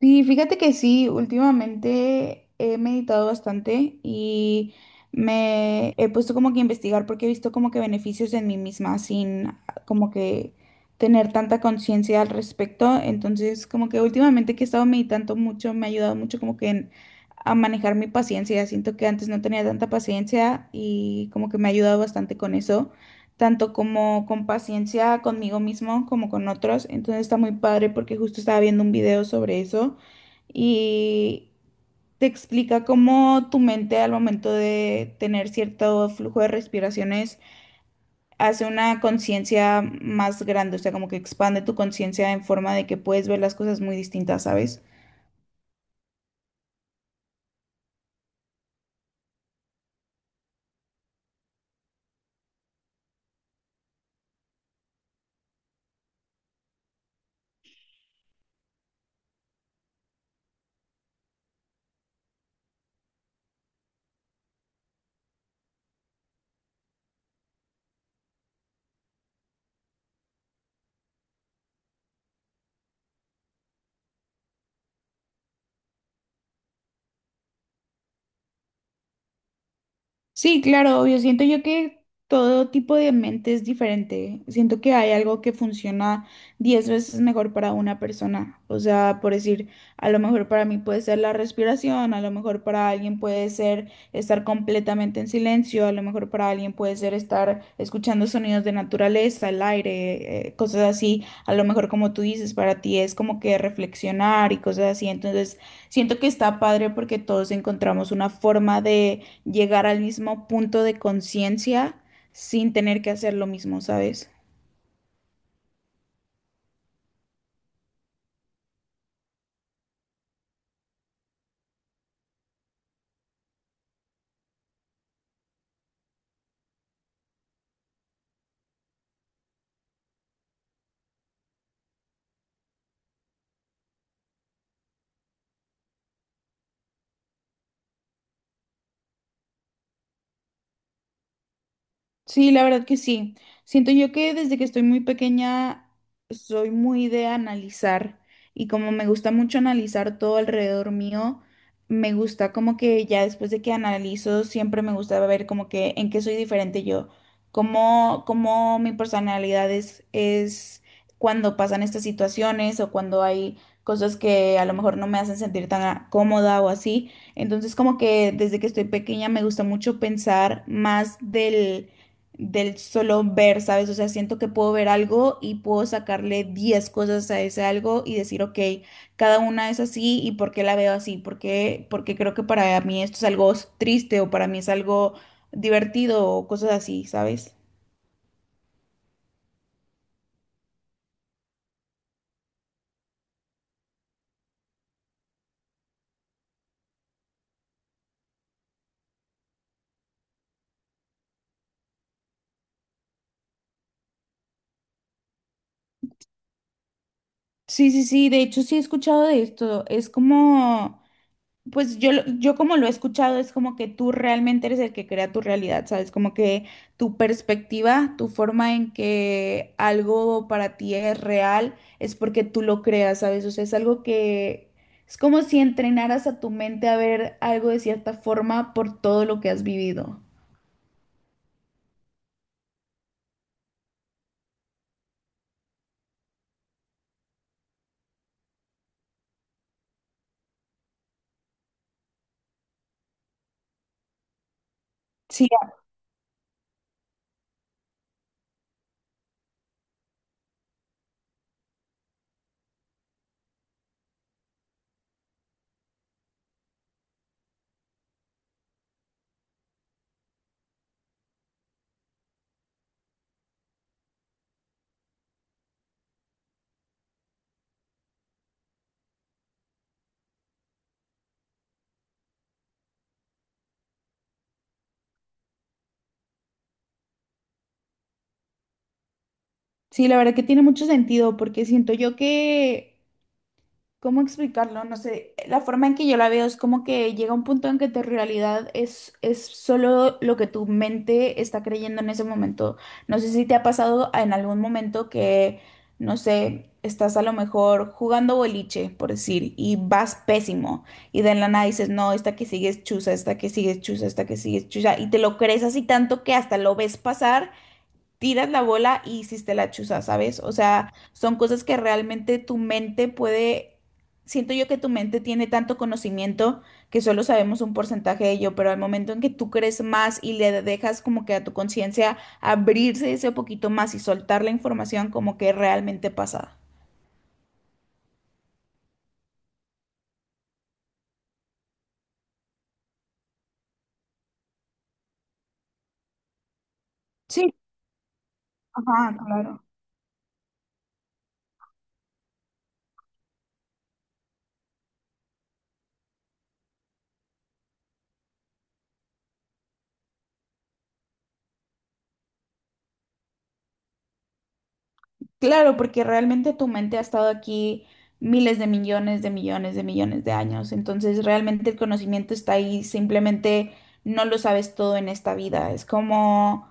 Sí, fíjate que sí, últimamente he meditado bastante y me he puesto como que a investigar porque he visto como que beneficios en mí misma sin como que tener tanta conciencia al respecto. Entonces, como que últimamente que he estado meditando mucho, me ha ayudado mucho a manejar mi paciencia. Siento que antes no tenía tanta paciencia y como que me ha ayudado bastante con eso tanto como con paciencia conmigo mismo como con otros. Entonces está muy padre porque justo estaba viendo un video sobre eso y te explica cómo tu mente al momento de tener cierto flujo de respiraciones hace una conciencia más grande, o sea, como que expande tu conciencia en forma de que puedes ver las cosas muy distintas, ¿sabes? Sí, claro, obvio. Siento yo que todo tipo de mente es diferente. Siento que hay algo que funciona 10 veces mejor para una persona. O sea, por decir, a lo mejor para mí puede ser la respiración, a lo mejor para alguien puede ser estar completamente en silencio, a lo mejor para alguien puede ser estar escuchando sonidos de naturaleza, el aire, cosas así. A lo mejor como tú dices, para ti es como que reflexionar y cosas así. Entonces, siento que está padre porque todos encontramos una forma de llegar al mismo punto de conciencia sin tener que hacer lo mismo, ¿sabes? Sí, la verdad que sí. Siento yo que desde que estoy muy pequeña soy muy de analizar y como me gusta mucho analizar todo alrededor mío, me gusta como que ya después de que analizo siempre me gusta ver como que en qué soy diferente yo, cómo mi personalidad es cuando pasan estas situaciones o cuando hay cosas que a lo mejor no me hacen sentir tan cómoda o así. Entonces como que desde que estoy pequeña me gusta mucho pensar más del solo ver, ¿sabes? O sea, siento que puedo ver algo y puedo sacarle 10 cosas a ese algo y decir, ok, cada una es así y por qué la veo así, por qué, porque creo que para mí esto es algo triste o para mí es algo divertido o cosas así, ¿sabes? Sí, sí, sí, de hecho sí he escuchado de esto, es como. Pues yo, yo como lo he escuchado, es como que tú realmente eres el que crea tu realidad, ¿sabes? Como que tu perspectiva, tu forma en que algo para ti es real, es porque tú lo creas, ¿sabes? O sea, es algo que es como si entrenaras a tu mente a ver algo de cierta forma por todo lo que has vivido. Sí, sí, la verdad que tiene mucho sentido, porque siento yo que, ¿cómo explicarlo? No sé, la forma en que yo la veo es como que llega un punto en que tu realidad es solo lo que tu mente está creyendo en ese momento. No sé si te ha pasado en algún momento que, no sé, estás a lo mejor jugando boliche, por decir, y vas pésimo, y de la nada dices, no, esta que sigue es chusa, esta que sigue es chusa, esta que sigue es chusa, y te lo crees así tanto que hasta lo ves pasar tiras la bola y hiciste la chuza, ¿sabes? O sea, son cosas que realmente tu mente puede, siento yo que tu mente tiene tanto conocimiento que solo sabemos un porcentaje de ello, pero al momento en que tú crees más y le dejas como que a tu conciencia abrirse ese poquito más y soltar la información como que realmente pasa. Sí, ajá, claro. Claro, porque realmente tu mente ha estado aquí miles de millones de millones de millones de años. Entonces, realmente el conocimiento está ahí, simplemente no lo sabes todo en esta vida. Es como,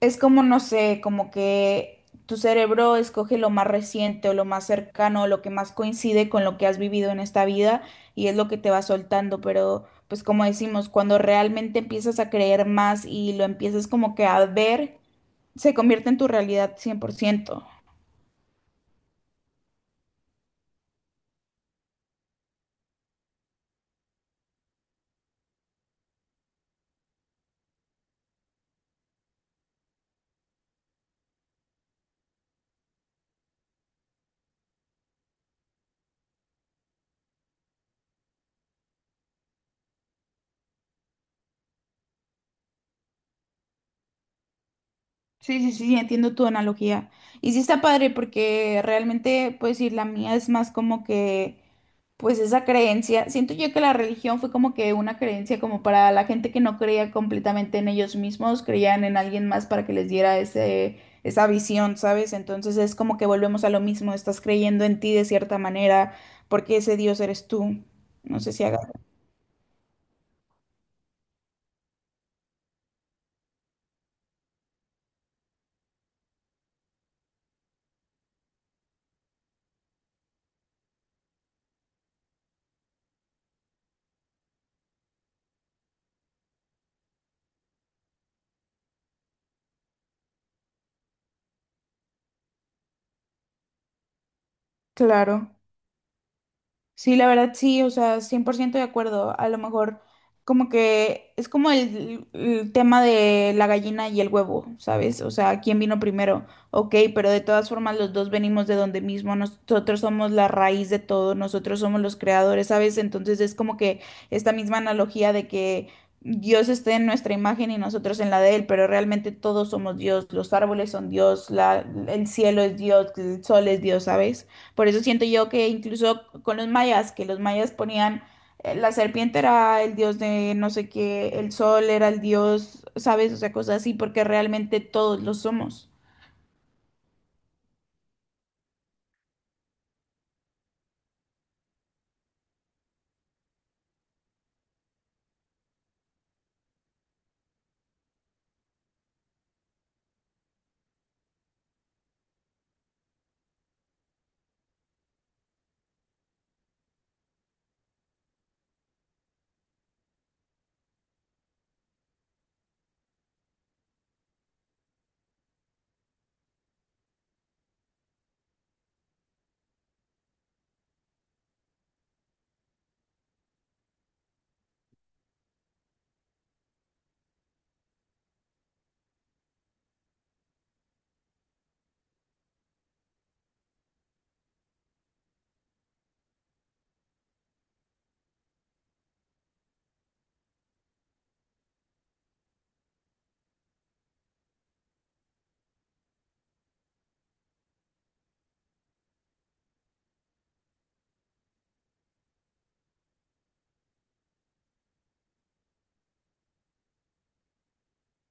es como, no sé, como que tu cerebro escoge lo más reciente o lo más cercano o lo que más coincide con lo que has vivido en esta vida y es lo que te va soltando. Pero, pues como decimos, cuando realmente empiezas a creer más y lo empiezas como que a ver, se convierte en tu realidad 100%. Sí, sí, sí, entiendo tu analogía. Y sí está padre porque realmente, pues sí, la mía es más como que, pues esa creencia, siento yo que la religión fue como que una creencia como para la gente que no creía completamente en ellos mismos, creían en alguien más para que les diera esa visión, ¿sabes? Entonces es como que volvemos a lo mismo, estás creyendo en ti de cierta manera, porque ese Dios eres tú. No sé si haga. Claro. Sí, la verdad sí, o sea, 100% de acuerdo. A lo mejor como que es como el tema de la gallina y el huevo, ¿sabes? O sea, ¿quién vino primero? Ok, pero de todas formas los dos venimos de donde mismo, nosotros somos la raíz de todo, nosotros somos los creadores, ¿sabes? Entonces es como que esta misma analogía de que Dios esté en nuestra imagen y nosotros en la de Él, pero realmente todos somos Dios, los árboles son Dios, el cielo es Dios, el sol es Dios, ¿sabes? Por eso siento yo que incluso con los mayas, que los mayas ponían, la serpiente era el dios de no sé qué, el sol era el dios, ¿sabes? O sea, cosas así, porque realmente todos lo somos.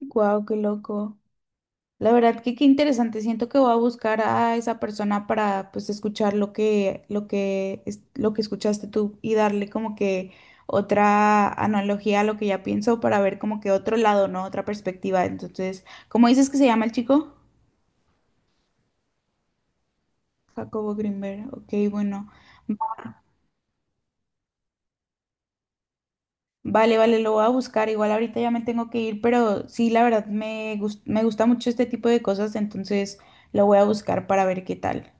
Guau, qué loco. La verdad que qué interesante. Siento que voy a buscar a esa persona para pues escuchar lo que escuchaste tú y darle como que otra analogía a lo que ya pienso para ver como que otro lado, ¿no? Otra perspectiva. Entonces, ¿cómo dices que se llama el chico? Jacobo Greenberg, ok, bueno. Vale, vale, lo voy a buscar. Igual ahorita ya me tengo que ir, pero sí, la verdad me gusta mucho este tipo de cosas, entonces lo voy a buscar para ver qué tal.